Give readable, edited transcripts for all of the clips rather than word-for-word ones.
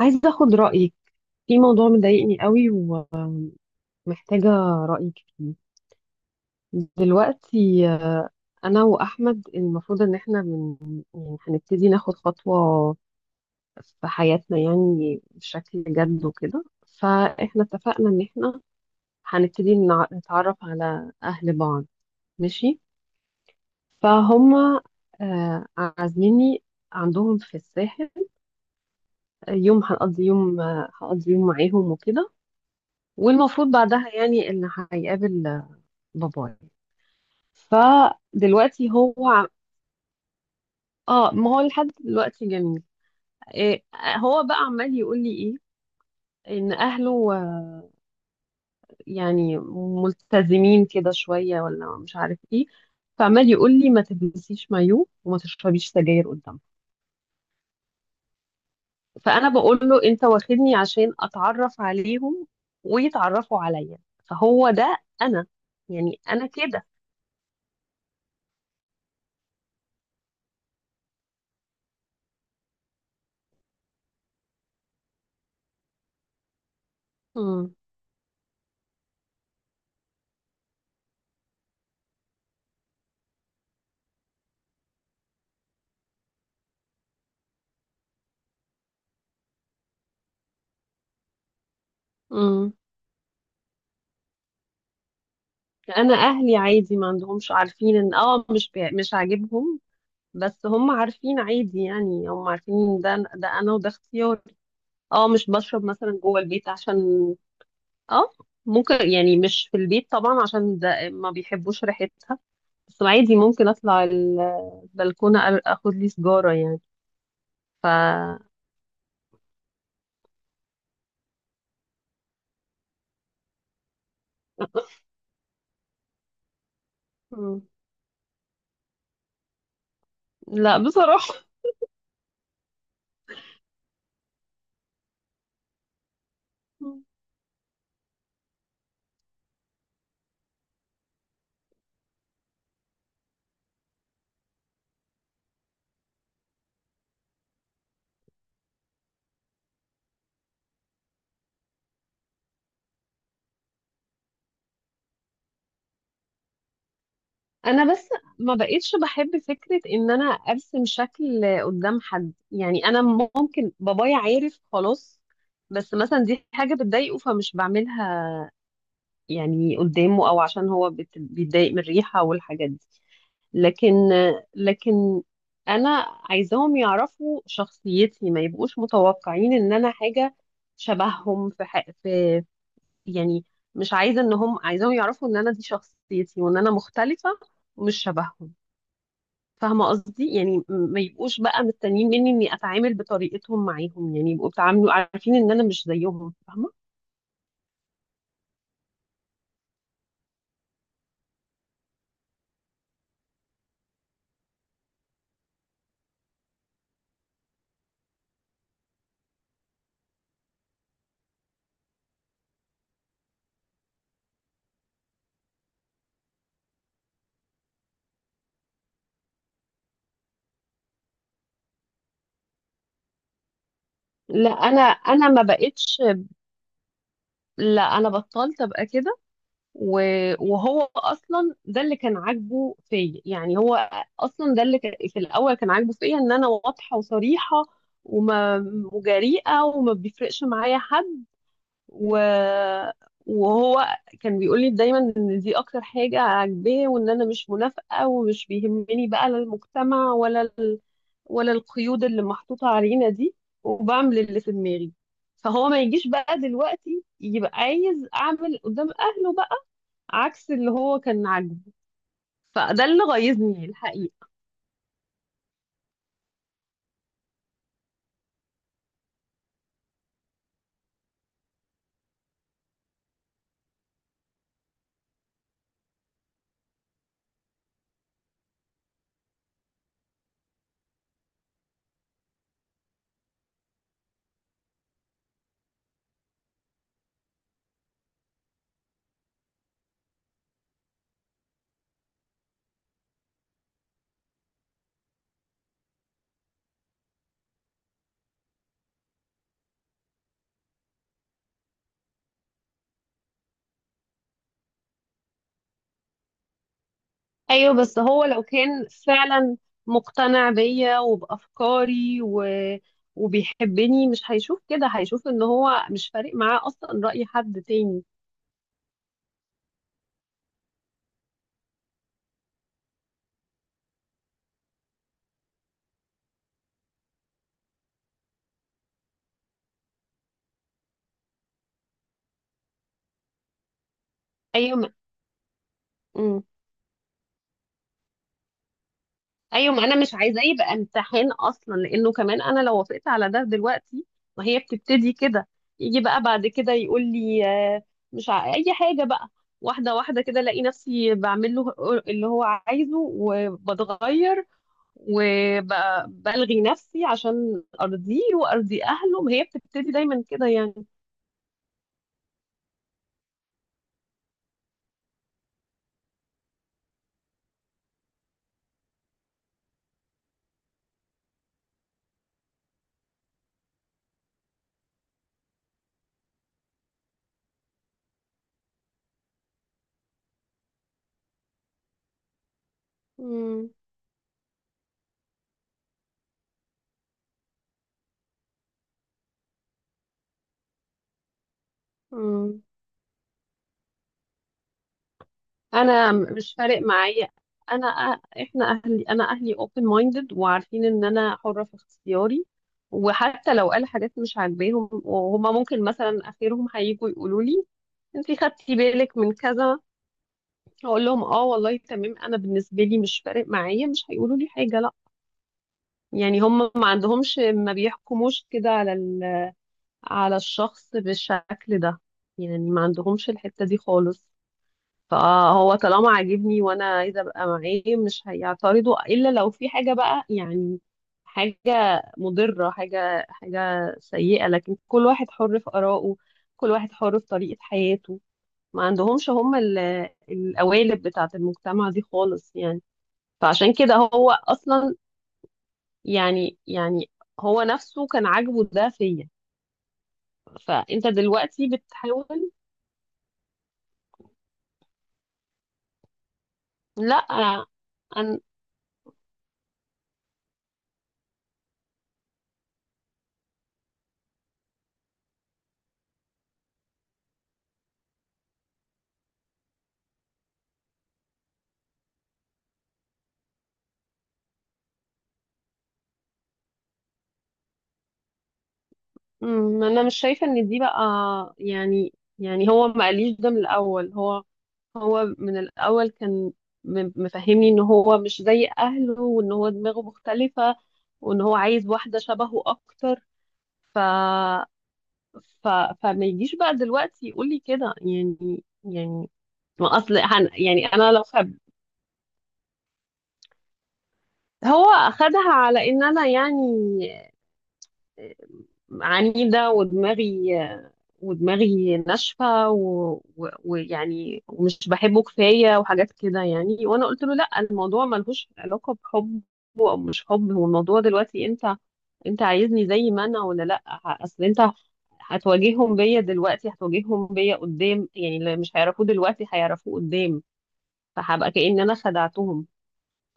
عايزة أخد رأيك في موضوع مضايقني قوي ومحتاجة رأيك فيه دلوقتي. أنا وأحمد المفروض إن إحنا يعني هنبتدي ناخد خطوة في حياتنا يعني بشكل جد وكده. فإحنا اتفقنا إن إحنا هنبتدي نتعرف على أهل بعض، ماشي. فهم عازميني عندهم في الساحل يوم. هنقضي يوم آه، هقضي يوم معاهم وكده. والمفروض بعدها يعني اللي هيقابل بابايا. فدلوقتي هو اه، ما هو لحد دلوقتي جميل. إيه، هو بقى عمال يقول لي ايه؟ ان اهله يعني ملتزمين كده شويه، ولا مش عارف ايه. فعمال يقول لي ما تلبسيش مايو وما تشربيش سجاير قدامهم. فانا بقول له انت واخدني عشان اتعرف عليهم ويتعرفوا عليا. فهو ده. انا يعني انا كده. امم، امم، انا اهلي عادي، ما عندهمش، عارفين ان اه مش عاجبهم. بس هم عارفين، عادي يعني، هم عارفين إن ده انا وده اختياري. اه، مش بشرب مثلا جوه البيت عشان، اه ممكن يعني مش في البيت طبعا عشان ده ما بيحبوش ريحتها. بس عادي، ممكن اطلع البلكونه، اخد لي سجاره يعني. ف مم. لا بصراحه. مم. انا بس ما بقيتش بحب فكره ان انا ارسم شكل قدام حد. يعني انا ممكن بابايا عارف خلاص، بس مثلا دي حاجه بتضايقه فمش بعملها يعني قدامه، او عشان هو بيتضايق من الريحة والحاجات دي. لكن لكن انا عايزاهم يعرفوا شخصيتي، ما يبقوش متوقعين ان انا حاجة شبههم في يعني مش عايزة ان هم، عايزاهم يعرفوا ان انا دي شخصيتي وان انا مختلفة ومش شبههم. فاهمة قصدي؟ يعني ما يبقوش بقى مستنيين مني اني اتعامل بطريقتهم معاهم، يعني يبقوا بيتعاملوا عارفين ان انا مش زيهم، فاهمة. لا، انا ما بقتش، لا انا بطلت ابقى كده. وهو اصلا ده اللي كان عاجبه فيا. يعني هو اصلا ده في الاول كان عاجبه فيا ان انا واضحه وصريحه وما وجريئه وما بيفرقش معايا حد. و... وهو كان بيقول لي دايما ان دي اكتر حاجه عاجباه، وان انا مش منافقه ومش بيهمني بقى لا المجتمع ولا القيود اللي محطوطة علينا دي، وبعمل اللي في دماغي. فهو ما يجيش بقى دلوقتي يبقى عايز أعمل قدام أهله بقى عكس اللي هو كان عاجبه. فده اللي غيظني الحقيقة. أيوة، بس هو لو كان فعلا مقتنع بيا وبأفكاري وبيحبني، مش هيشوف كده، هيشوف إن هو مش فارق معاه أصلا رأي حد تاني. أيوة. ما... ايوه، ما انا مش عايزاه يبقى امتحان اصلا، لانه كمان انا لو وافقت على ده دلوقتي، ما هي بتبتدي كده. يجي بقى بعد كده يقول لي آه، مش ع... اي حاجه بقى، واحده واحده كده الاقي نفسي بعمل له اللي هو عايزه، وبتغير وبلغي نفسي عشان ارضيه وارضي اهله. ما هي بتبتدي دايما كده يعني. امم، انا مش فارق معايا، انا، احنا اهلي، انا اهلي open minded وعارفين ان انا حرة في اختياري. وحتى لو قال حاجات مش عاجباهم، وهما ممكن مثلا اخرهم هيجوا يقولوا لي انتي خدتي بالك من كذا، اقول لهم اه والله تمام، انا بالنسبة لي مش فارق معايا، مش هيقولوا لي حاجة، لا. يعني هما ما عندهمش، ما بيحكموش كده على على الشخص بالشكل ده. يعني ما عندهمش الحتة دي خالص. فهو طالما عاجبني وانا عايزه ابقى معاه، مش هيعترضوا الا لو في حاجه بقى يعني، حاجه مضره، حاجه سيئه. لكن كل واحد حر في ارائه، كل واحد حر في طريقه حياته. ما عندهمش هم القوالب بتاعه المجتمع دي خالص يعني. فعشان كده هو اصلا يعني، يعني هو نفسه كان عاجبه ده فيا. فانت دلوقتي بتحاول. لا. أمم، انا مش شايفه ان دي بقى، يعني يعني هو ما قاليش ده من الاول. هو، هو من الاول كان مفهمني ان هو مش زي اهله وان هو دماغه مختلفه، وان هو عايز واحده شبهه اكتر. ف ف فما يجيش بقى دلوقتي يقول لي كده يعني. يعني ما اصل هن... يعني انا لو خب... هو اخدها على ان انا يعني عنيدة ودماغي، ودماغي ناشفة ويعني ومش بحبه كفاية، وحاجات كده يعني. وأنا قلت له لأ، الموضوع ملهوش علاقة بحب، أو مش حب هو الموضوع دلوقتي. أنت، أنت عايزني زي ما أنا ولا لأ؟ أصل أنت هتواجههم بيا دلوقتي، هتواجههم بيا قدام، يعني اللي مش هيعرفوه دلوقتي هيعرفوه قدام، فهبقى كأن أنا خدعتهم.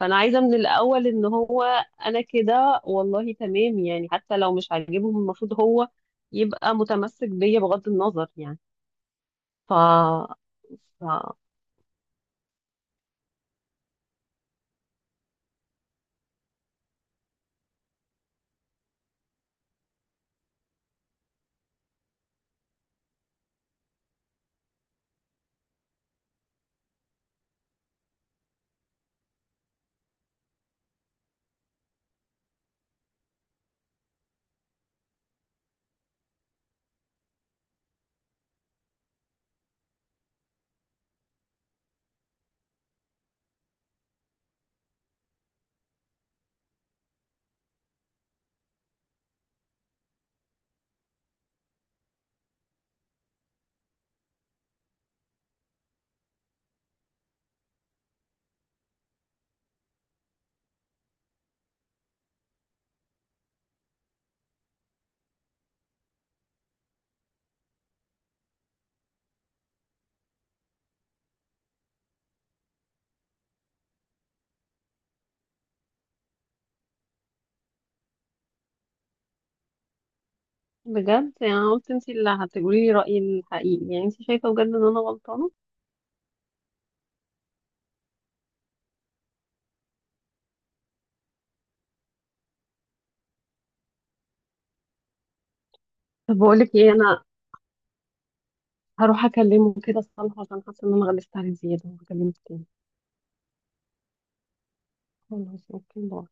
فانا عايزه من الاول ان هو، انا كده والله تمام، يعني حتى لو مش عاجبهم المفروض هو يبقى متمسك بيا بغض النظر يعني. ف, ف... بجد يعني، قلت انت اللي هتقولي لي رايي الحقيقي، يعني انت شايفه بجد ان انا غلطانه؟ طب بقول لك ايه، انا هروح اكلمه كده الصراحه، عشان حاسه ان انا غلست عليه زياده، هكلمه تاني. خلاص، اوكي، باي.